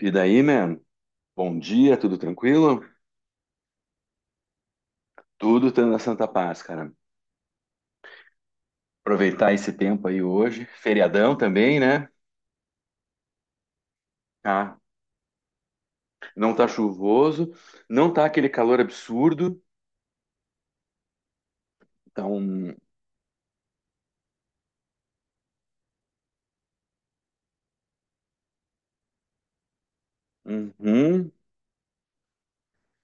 E daí, man? Bom dia, tudo tranquilo? Tudo tendo a Santa Paz, cara. Aproveitar esse tempo aí hoje. Feriadão também, né? Tá. Não tá chuvoso, não tá aquele calor absurdo. Então, uhum.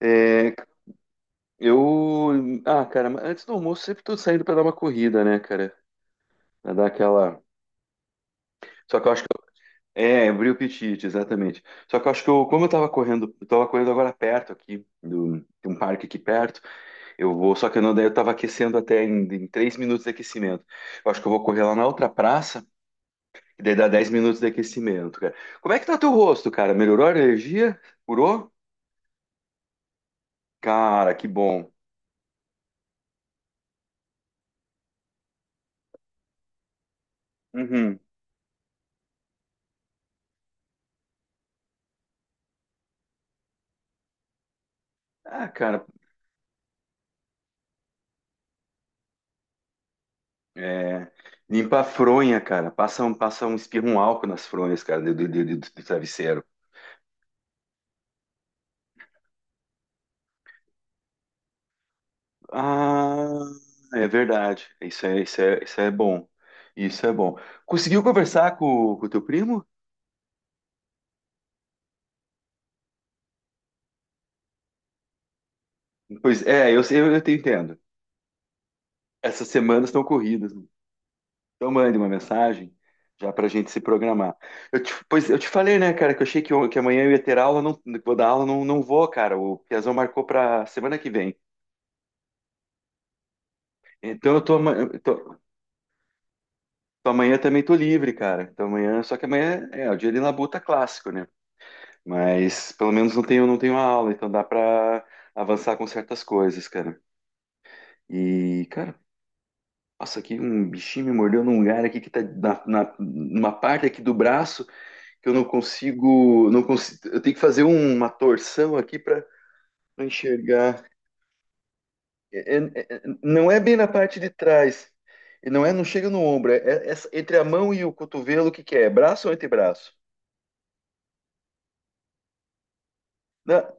É, eu. Ah, cara, mas antes do almoço sempre tô saindo pra dar uma corrida, né, cara? Pra dar aquela. Só que eu acho que. É, abri o apetite, exatamente. Só que eu acho que eu, como eu tava correndo, agora perto aqui, de um parque aqui perto. Eu vou, só que eu não, daí eu tava aquecendo até em 3 minutos de aquecimento. Eu acho que eu vou correr lá na outra praça, e daí dá 10 minutos de aquecimento, cara. Como é que tá teu rosto, cara? Melhorou a alergia? Curou? Cara, que bom. Uhum. Ah, cara, é... limpa a fronha, cara. Espirra um álcool nas fronhas, cara, do travesseiro. Ah, é verdade. Isso é bom. Isso é bom. Conseguiu conversar com o teu primo? Pois é, eu te entendo. Essas semanas estão corridas, né? Então mande uma mensagem já para a gente se programar. Eu te, pois eu te falei, né, cara, que eu achei que, que amanhã eu ia ter aula, não que vou dar aula, não, não vou, cara. O Piazão marcou para semana que vem. Então eu tô, tô amanhã também tô livre, cara. Então amanhã, só que amanhã o dia de labuta tá clássico, né? Mas pelo menos não tenho aula, então dá para avançar com certas coisas, cara. E cara, nossa, aqui um bichinho me mordeu num lugar aqui que tá numa parte aqui do braço. Que eu não consigo, eu tenho que fazer uma torção aqui para enxergar. Não é bem na parte de trás, e não é, não chega no ombro, é entre a mão e o cotovelo, o que que é? É braço ou antebraço? Na-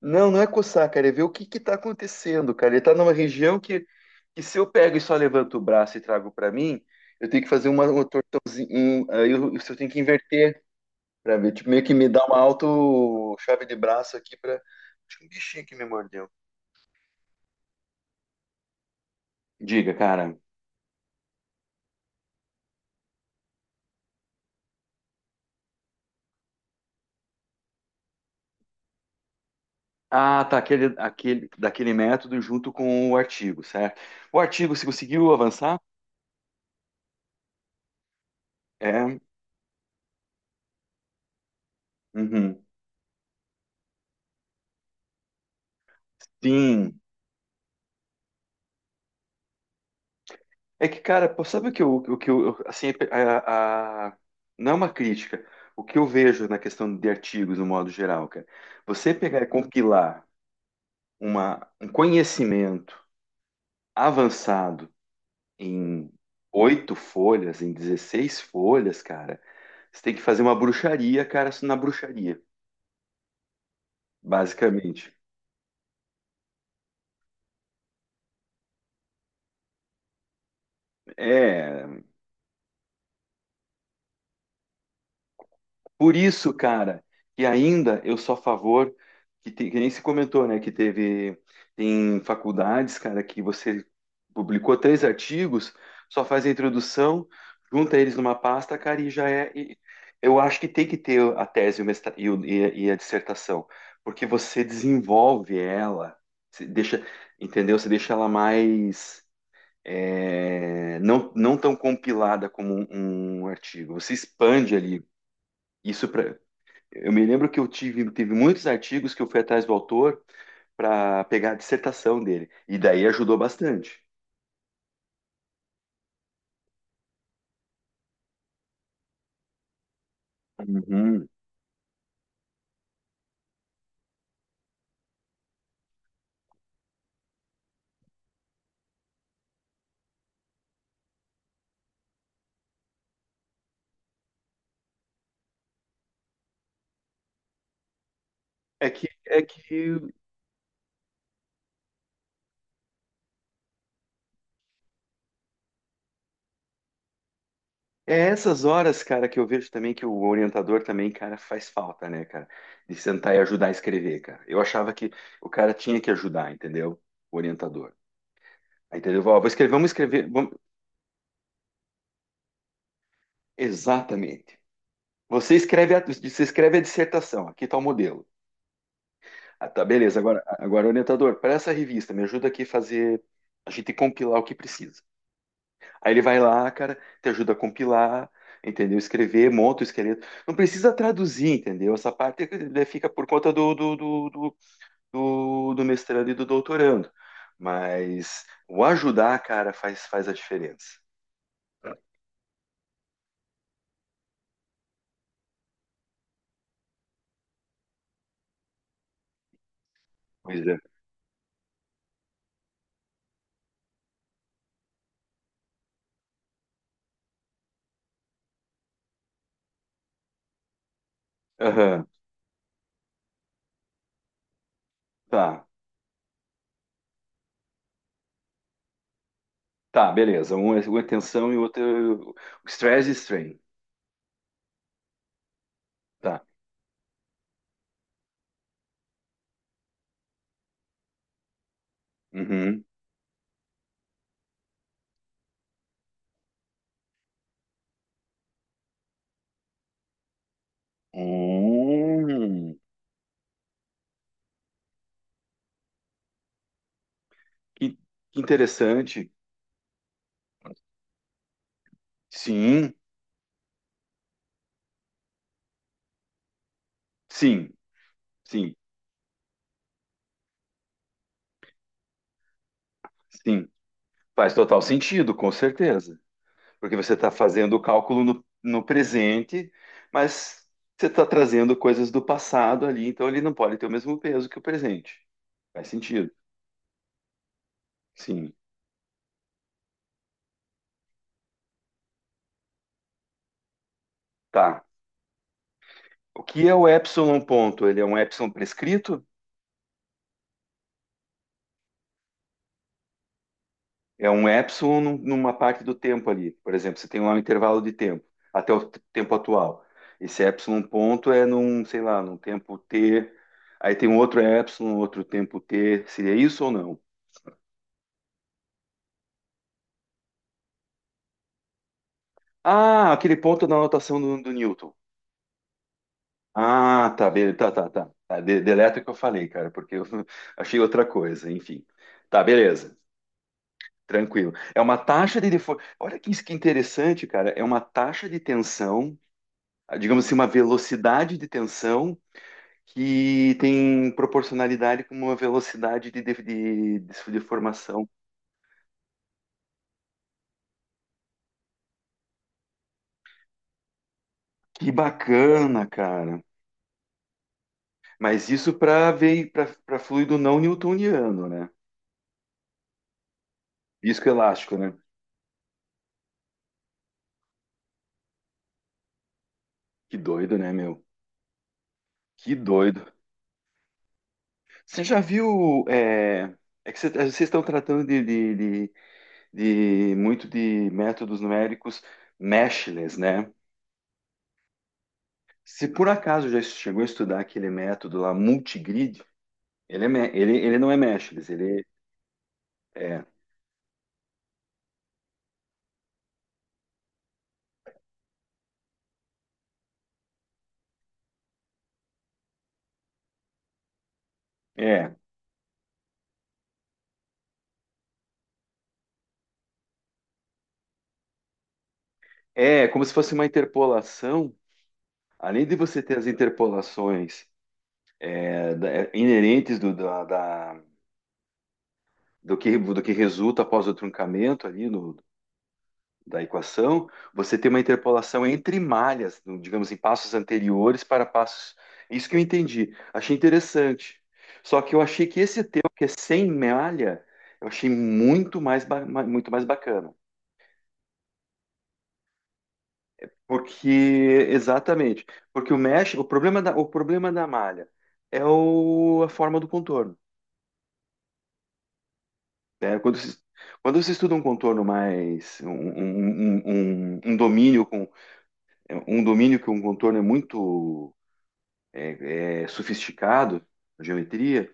Não, não é coçar, cara, é ver o que que tá acontecendo, cara. Ele tá numa região que se eu pego e só levanto o braço e trago para mim, eu tenho que fazer uma torçãozinha, aí eu tenho que inverter para ver, tipo, meio que me dá uma auto chave de braço aqui para. Tinha um bichinho que me mordeu. Diga, cara. Ah, tá, daquele método junto com o artigo, certo? O artigo, você conseguiu avançar? É. Uhum. Sim. É que, cara, pô, sabe o que eu assim, não é uma crítica. O que eu vejo na questão de artigos, no modo geral, cara, você pegar e compilar um conhecimento avançado em oito folhas, em 16 folhas, cara, você tem que fazer uma bruxaria, cara, na bruxaria. Basicamente. É, por isso, cara, que ainda eu sou a favor, que, tem, que nem se comentou, né, que teve, tem faculdades, cara, que você publicou três artigos, só faz a introdução, junta eles numa pasta, cara, e já é, e eu acho que tem que ter a tese e, e a dissertação, porque você desenvolve ela, você deixa, entendeu? Você deixa ela mais é, não tão compilada como um artigo. Você expande ali. Isso para. Eu me lembro que eu tive, teve muitos artigos que eu fui atrás do autor para pegar a dissertação dele, e daí ajudou bastante. Uhum. É que é essas horas, cara, que eu vejo também que o orientador também, cara, faz falta, né, cara? De sentar e ajudar a escrever, cara. Eu achava que o cara tinha que ajudar, entendeu? O orientador. Aí, entendeu? Ó, vou escrever, vamos escrever. Vamos… Exatamente. Você escreve a dissertação, aqui está o modelo. Ah, tá, beleza. Agora orientador, para essa revista, me ajuda aqui a fazer, a gente compilar o que precisa. Aí ele vai lá, cara, te ajuda a compilar, entendeu? Escrever, monta o esqueleto. Não precisa traduzir, entendeu? Essa parte né, fica por conta do mestrando e do doutorando. Mas o ajudar, cara, faz, faz a diferença. Pois é. Aham. Tá, tá, beleza. Um é uma tensão e outro é o stress e strain. Tá. Uhum. Hum, que, que interessante. Sim, sim, sim, sim. Faz total sentido, com certeza. Porque você está fazendo o cálculo no presente, mas você está trazendo coisas do passado ali, então ele não pode ter o mesmo peso que o presente. Faz sentido, sim. Tá. O que é o epsilon ponto? Ele é um epsilon prescrito? É um epsilon numa parte do tempo ali. Por exemplo, você tem lá um intervalo de tempo, até tempo atual. Esse epsilon ponto é num, sei lá, num tempo t. Aí tem um outro epsilon, outro tempo t. Seria isso ou não? Ah, aquele ponto da notação do Newton. Ah, tá, beleza, tá, tá, tá. Tá de, deleta o que eu falei, cara, porque eu achei outra coisa, enfim. Tá, beleza, tranquilo. É uma taxa de… defo- olha que, isso que é interessante, cara. É uma taxa de tensão, digamos assim, uma velocidade de tensão que tem proporcionalidade com uma velocidade de formação. Que bacana, cara. Mas isso para ver para fluido não newtoniano, né? Viscoelástico, né? Que doido, né, meu? Que doido. Você já viu? É, é que é, vocês estão tratando de- de muito de métodos numéricos meshless, né? Se por acaso já chegou a estudar aquele método lá, multigrid, ele, é, ele não é meshless, ele é, é. É, como se fosse uma interpolação. Além de você ter as interpolações é, é, inerentes do que resulta após o truncamento ali no- da equação, você tem uma interpolação entre malhas, no- digamos, em passos anteriores para passos. Isso que eu entendi. Achei interessante. Só que eu achei que esse teu, que é sem malha, eu achei muito mais, muito mais bacana. Porque, exatamente, porque o mesh, o problema da malha é o, a forma do contorno, né? Quando se estuda um contorno mais, um domínio com, um domínio que um contorno é muito é, é, sofisticado, a geometria,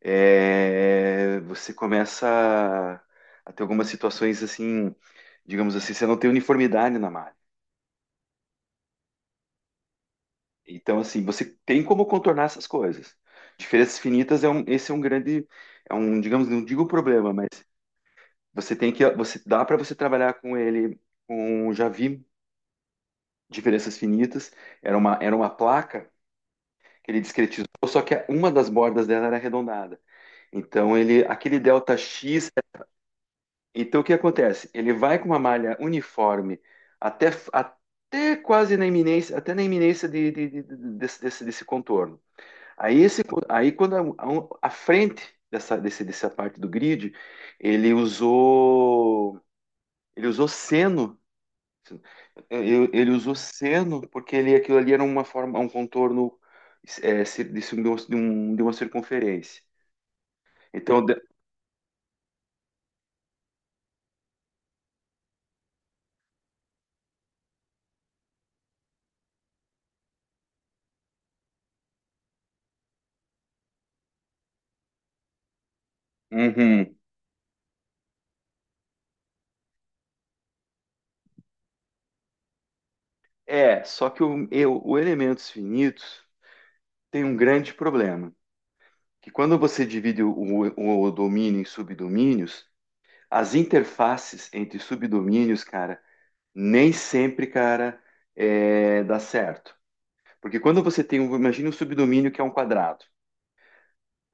é, você começa a ter algumas situações assim, digamos assim, você não tem uniformidade na malha. Então, assim, você tem como contornar essas coisas. Diferenças finitas é um, esse é um grande, é um, digamos, não digo problema, mas você tem que, você dá para você trabalhar com ele. Com, já vi diferenças finitas. Era uma placa que ele discretizou, só que uma das bordas dela era arredondada. Então ele, aquele delta X. Então o que acontece? Ele vai com uma malha uniforme até, até na iminência desse, desse contorno. Aí, esse, aí quando a, a frente dessa, dessa parte do grid, ele usou ele usou seno. Ele usou seno porque ele, aquilo ali era uma forma, um contorno é, de um- de uma circunferência. Então, de- uhum. É, só que o, o elementos finitos tem um grande problema, que quando você divide o, o domínio em subdomínios, as interfaces entre subdomínios, cara, nem sempre, cara, é, dá certo. Porque quando você tem um, imagina um subdomínio que é um quadrado.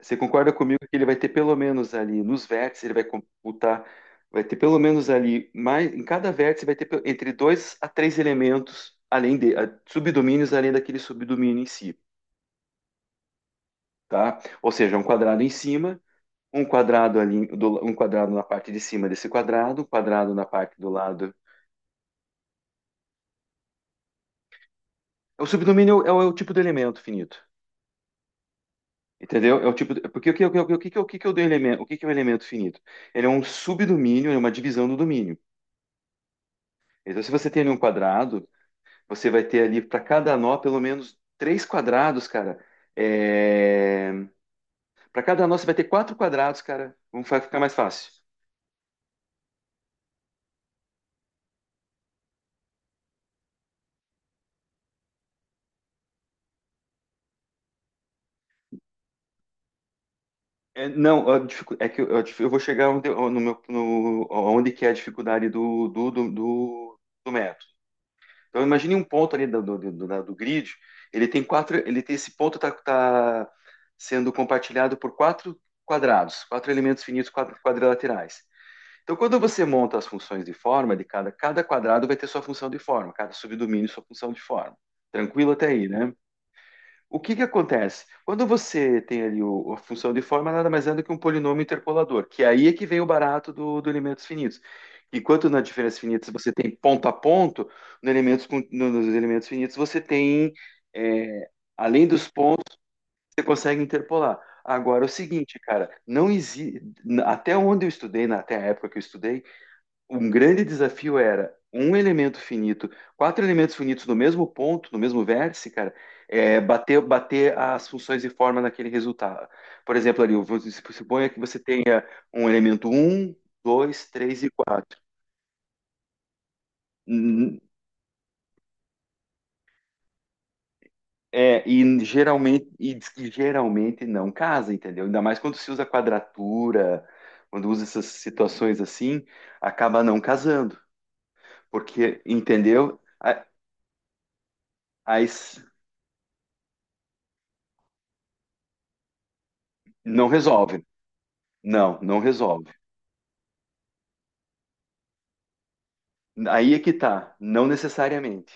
Você concorda comigo que ele vai ter pelo menos ali nos vértices, ele vai computar, vai ter pelo menos ali, mais, em cada vértice vai ter entre dois a três elementos além subdomínios além daquele subdomínio em si, tá? Ou seja, um quadrado em cima, um quadrado ali, um quadrado na parte de cima desse quadrado, um quadrado na parte do lado. O subdomínio é o, é o tipo de elemento finito. Entendeu? É o tipo, de- porque que é o do elemento, o que que é o elemento finito? Ele é um subdomínio, é uma divisão do domínio. Então, se você tem ali um quadrado, você vai ter ali para cada nó pelo menos três quadrados, cara. Para cada nó você vai ter quatro quadrados, cara. Vamos ficar mais fácil. É, não, é que eu, eu vou chegar onde, no meu, no, onde que é a dificuldade do método. Então imagine um ponto ali do grid, ele tem quatro, ele tem esse ponto está tá tá sendo compartilhado por quatro quadrados, quatro elementos finitos quadrilaterais. Então quando você monta as funções de forma de cada, cada quadrado vai ter sua função de forma, cada subdomínio sua função de forma. Tranquilo até aí, né? O que que acontece? Quando você tem ali a função de forma, nada mais é do que um polinômio interpolador, que aí é que vem o barato do elementos finitos. Enquanto na diferença finita você tem ponto a ponto, no elementos nos elementos finitos você tem, é, além dos pontos, você consegue interpolar. Agora é o seguinte, cara, não existe, até onde eu estudei, até a época que eu estudei, um grande desafio era um elemento finito, quatro elementos finitos no mesmo ponto, no mesmo vértice, cara, é, bater as funções e forma naquele resultado. Por exemplo, ali, você se suponha que você tenha um elemento um 2 3 e quatro. Hum, É, e geralmente, e diz que geralmente não casa, entendeu? Ainda mais quando se usa quadratura, quando usa essas situações assim, acaba não casando, porque, entendeu? Aí s- não resolve. Não, não resolve. Aí é que tá, não necessariamente.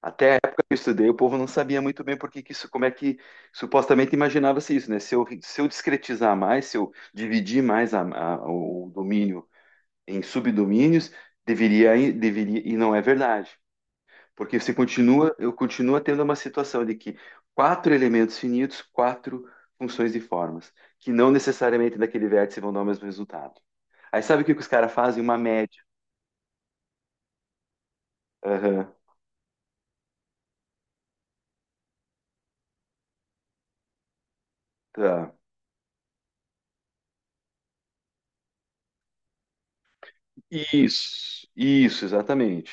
Até a época que eu estudei, o povo não sabia muito bem por que que isso, como é que supostamente imaginava-se isso, né? Se eu, se eu discretizar mais, se eu dividir mais o domínio em subdomínios, deveria, e não é verdade. Porque você continua, eu continuo tendo uma situação de que quatro elementos finitos, quatro funções e formas, que não necessariamente daquele vértice vão dar o mesmo resultado. Aí sabe o que que os caras fazem? Uma média. Aham. Tá. Isso, exatamente.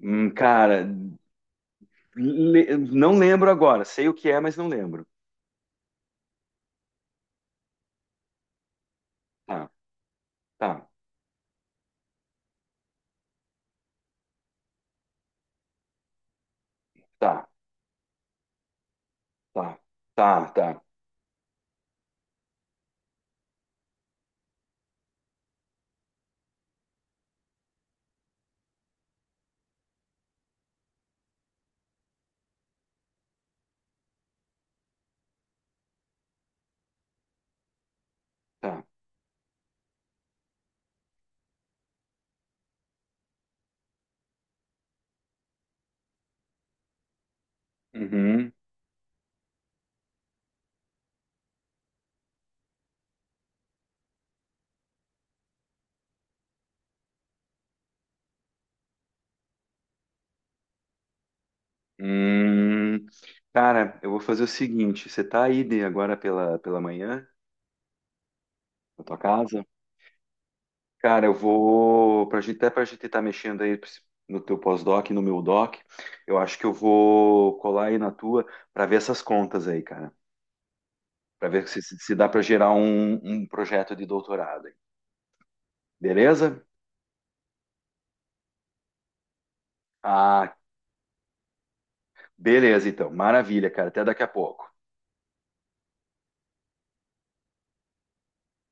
Cara, não lembro agora. Sei o que é, mas não lembro. Tá, tá, tá, tá, tá, tá, tá. Uhum. Hum. Cara, eu vou fazer o seguinte: você tá aí de agora pela manhã, na tua casa? Cara, eu vou. Pra gente, até pra gente estar mexendo aí no teu pós-doc, e no meu doc, eu acho que eu vou colar aí na tua pra ver essas contas aí, cara. Para ver se, se dá para gerar um projeto de doutorado. Beleza? Ah, beleza, então. Maravilha, cara. Até daqui a pouco.